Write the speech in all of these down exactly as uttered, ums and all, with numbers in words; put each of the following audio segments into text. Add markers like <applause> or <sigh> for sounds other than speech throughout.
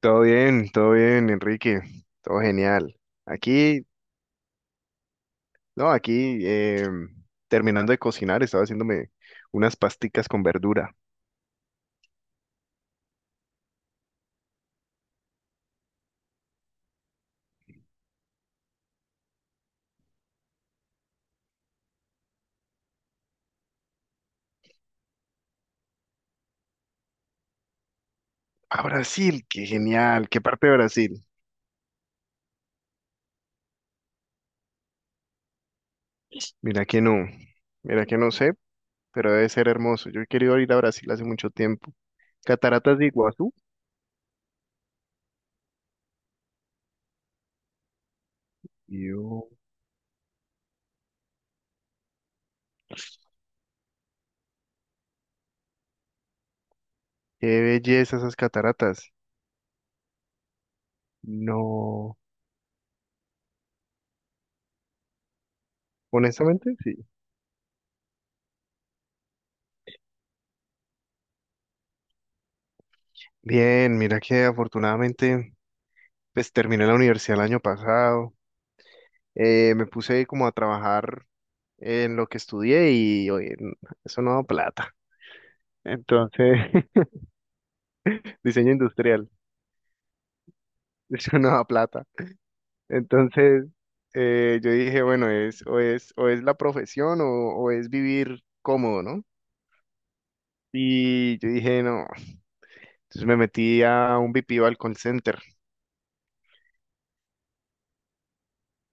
Todo bien, todo bien, Enrique. Todo genial. Aquí, no, aquí eh, terminando de cocinar, estaba haciéndome unas pasticas con verdura. A Brasil, qué genial. ¿Qué parte de Brasil? Mira que no, mira que no sé, pero debe ser hermoso. Yo he querido ir a Brasil hace mucho tiempo. Cataratas de Iguazú. Dios, qué belleza esas cataratas. No, honestamente, sí. Bien, mira que afortunadamente, pues terminé la universidad el año pasado. Eh, me puse como a trabajar en lo que estudié y oye, n- eso no da plata. Entonces, <laughs> diseño industrial, <laughs> eso no da plata. Entonces, eh, yo dije, bueno, es, o es, o es la profesión o, o es vivir cómodo, ¿no? Y yo dije, no. Entonces me metí a un B P O al call center.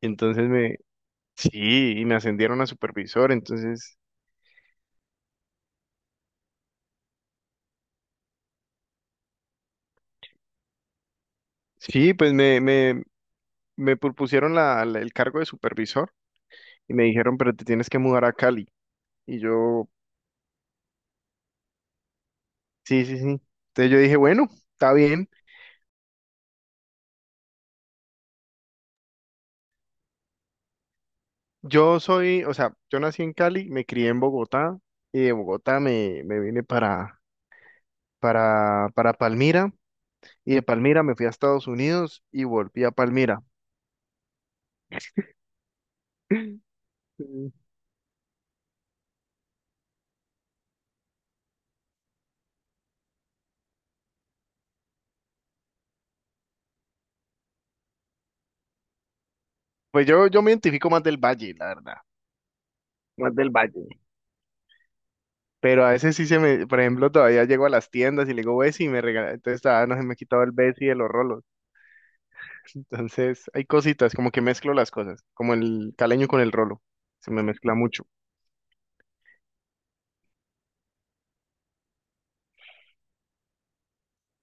Entonces me, sí, y me ascendieron a supervisor. Entonces, sí, pues me, me, me propusieron la, la- el cargo de supervisor y me dijeron, pero te tienes que mudar a Cali. Y yo, sí, sí, sí. Entonces yo dije, bueno, está bien. Yo soy, o sea, yo nací en Cali, me crié en Bogotá y de Bogotá me, me vine para, para, para Palmira y de Palmira me fui a Estados Unidos y volví a Palmira. Mm. Pues yo, yo me identifico más del Valle, la verdad. Más del Valle. Pero a veces sí se me, por ejemplo, todavía llego a las tiendas y le digo Bessie y me regala, entonces todavía no se me ha quitado el Bessie de los rolos. <laughs> Entonces hay cositas, como que mezclo las cosas, como el caleño con el rolo, se me mezcla mucho.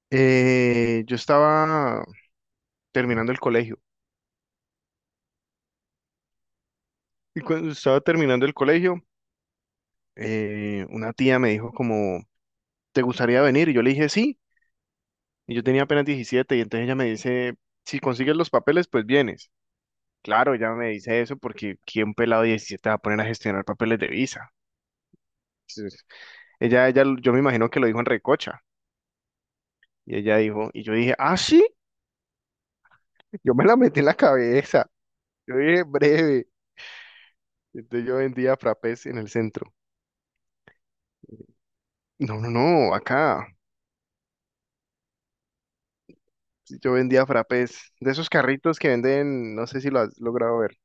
Eh, yo estaba terminando el colegio y cuando estaba terminando el colegio, eh, una tía me dijo como, ¿te gustaría venir? Y yo le dije sí, y yo tenía apenas diecisiete y entonces ella me dice, si consigues los papeles, pues vienes. Claro, ella me dice eso porque ¿quién pelado de diecisiete va a poner a gestionar papeles de visa? Sí. Ella, ella, yo me imagino que lo dijo en recocha. Y ella dijo, y yo dije, ah, sí, yo me la metí en la cabeza. Yo dije, breve. Entonces yo vendía frapés en el centro. No, no, no, acá. Yo vendía frapés. De esos carritos que venden, no sé si lo has logrado ver.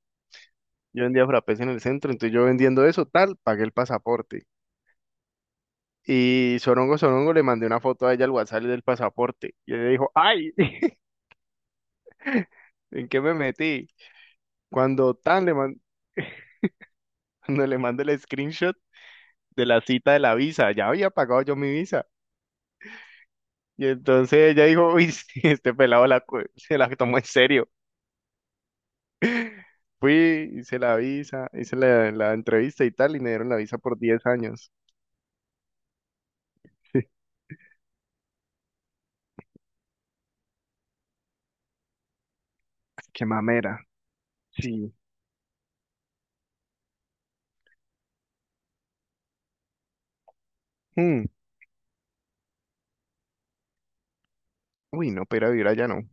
Yo vendía frapés en el centro, entonces yo vendiendo eso, tal, pagué el pasaporte. Y Sorongo Sorongo le mandé una foto a ella al WhatsApp del pasaporte. Y ella dijo, ay, <laughs> ¿en qué me metí? Cuando tan le mandé... <laughs> Cuando le mando el screenshot, de la cita de la visa, ya había pagado yo mi visa. Y entonces ella dijo, uy, <laughs> sí, este pelado la, cu- se la tomó en serio. Fui, hice la visa, hice la, la entrevista y tal, y me dieron la visa por diez años. <laughs> Qué mamera. Sí. Mm. Uy, no, pero vivir allá no.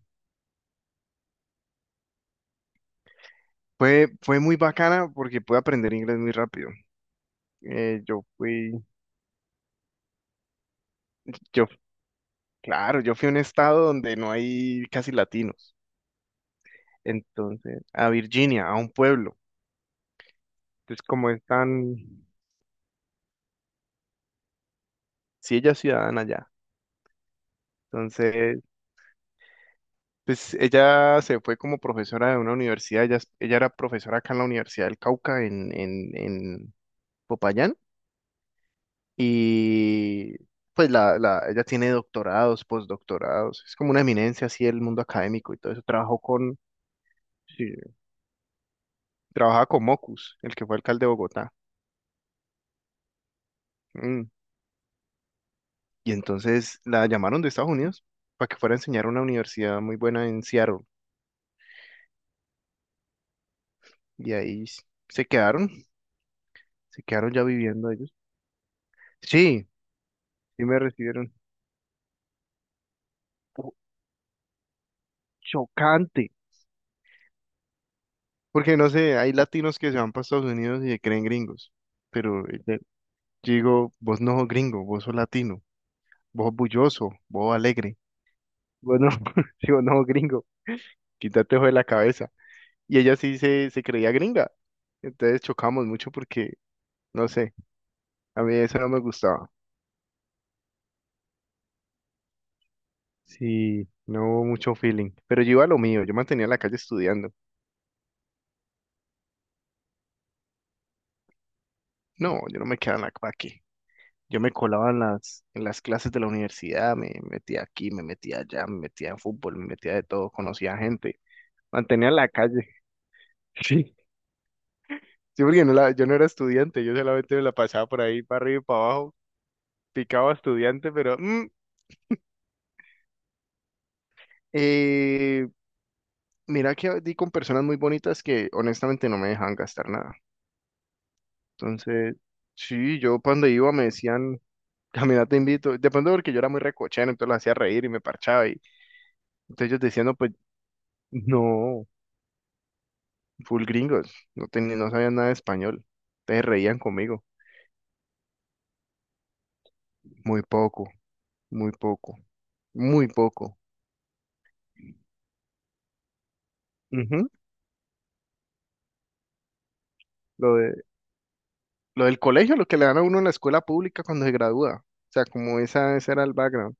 Fue, fue muy bacana porque pude aprender inglés muy rápido. Eh, yo fui, yo, claro, yo fui a un estado donde no hay casi latinos. Entonces, a Virginia, a un pueblo. Entonces, como están, si ella es ciudadana ya. Entonces, pues ella se fue como profesora de una universidad, ella, es- ella era profesora acá en la Universidad del Cauca, en, en, en Popayán, y pues la, la, ella tiene doctorados, postdoctorados, es como una eminencia así del mundo académico y todo eso, trabajó con, sí, trabajaba con Mocus, el que fue alcalde de Bogotá, Mm. Y entonces la llamaron de Estados Unidos para que fuera a enseñar a una universidad muy buena en Seattle, y ahí s- se quedaron, se quedaron ya viviendo ellos. Sí, sí me recibieron. chocante. Porque no sé, hay latinos que se van para Estados Unidos y se creen gringos. Pero eh, de- yo digo, vos no sos gringo, vos sos latino, vos sos bulloso, vos alegre. Vos no, <laughs> si vos no sos gringo, quítate eso de la cabeza. Y ella sí se, se creía gringa. Entonces chocamos mucho porque, no sé, a mí eso no me gustaba. Sí, no hubo mucho feeling. Pero yo iba a lo mío, yo mantenía la calle estudiando. No, yo no me quedaba en la calle. Yo me colaba en las, en las clases de la universidad, me metía aquí, me metía allá, me metía en fútbol, me metía de todo, conocía gente, mantenía la calle. <laughs> Sí. Sí, porque no la- yo no era estudiante, yo solamente me la pasaba por ahí, para arriba y para abajo, picaba estudiante, pero mm, eh, mira que di con personas muy bonitas que honestamente no me dejaban gastar nada. Entonces, sí, yo cuando iba me decían, <laughs> camina te invito, de pronto porque yo era muy recochero, entonces los hacía reír y me parchaba y entonces ellos decían, no, pues no. full gringos, no tenía, no sabían nada de español. Te reían conmigo, muy poco, muy poco, muy poco. Ujú. Lo de, lo del colegio, lo que le dan a uno en la escuela pública cuando se gradúa. O sea, como esa, ese era el background.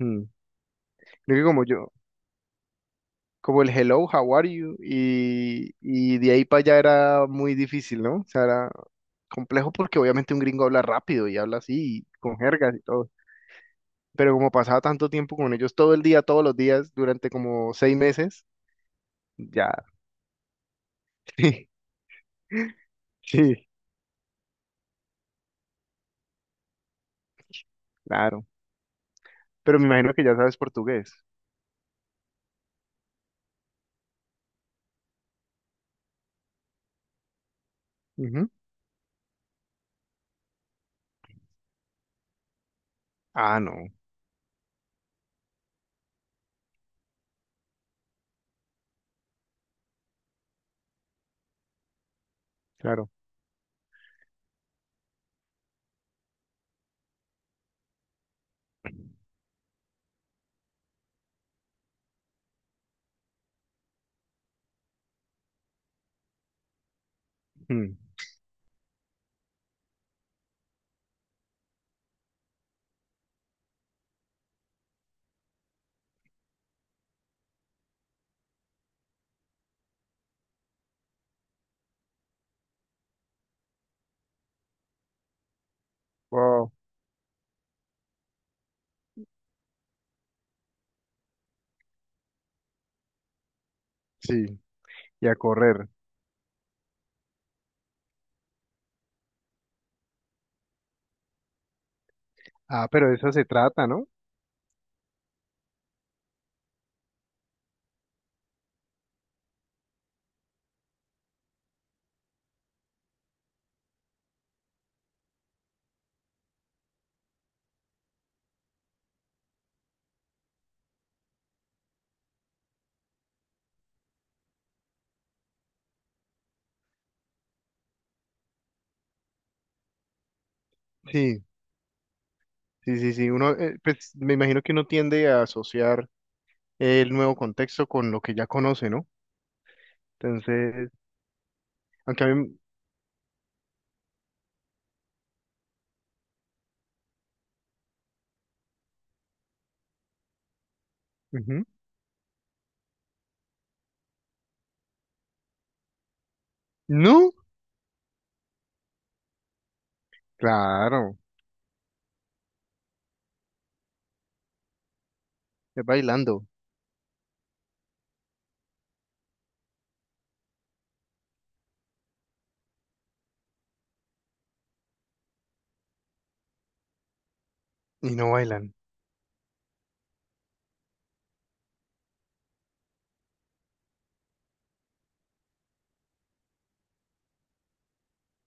Mm. Creo que como yo, como el hello, how are you, y, y de ahí para allá era muy difícil, ¿no? O sea, era complejo porque obviamente un gringo habla rápido y habla así, con jergas y todo. Pero como pasaba tanto tiempo con ellos todo el día, todos los días, durante como seis meses, ya. <laughs> Sí, claro. Pero me imagino que ya sabes portugués. Ujú. Ah, no, claro. Mm, Wow, sí, y a correr. Ah, pero de eso se trata, ¿no? Sí, sí, sí, sí. Uno, eh, pues me imagino que uno tiende a asociar el nuevo contexto con lo que ya conoce, ¿no? Entonces, aunque a mí, ujú. No, claro, es bailando y no bailan.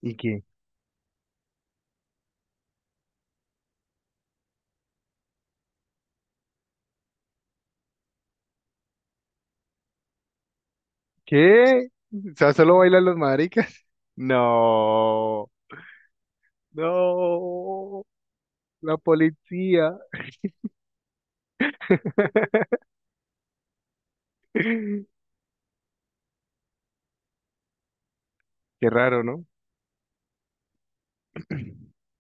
¿Y qué? ¿Qué? O sea, solo bailan los maricas. <laughs> No, no, la policía. <laughs> Qué raro, ¿no? <clears throat>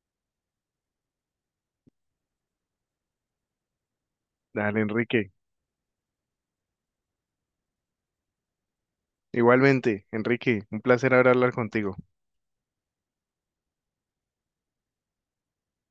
Dale, Enrique. Igualmente, Enrique, un placer hablar contigo.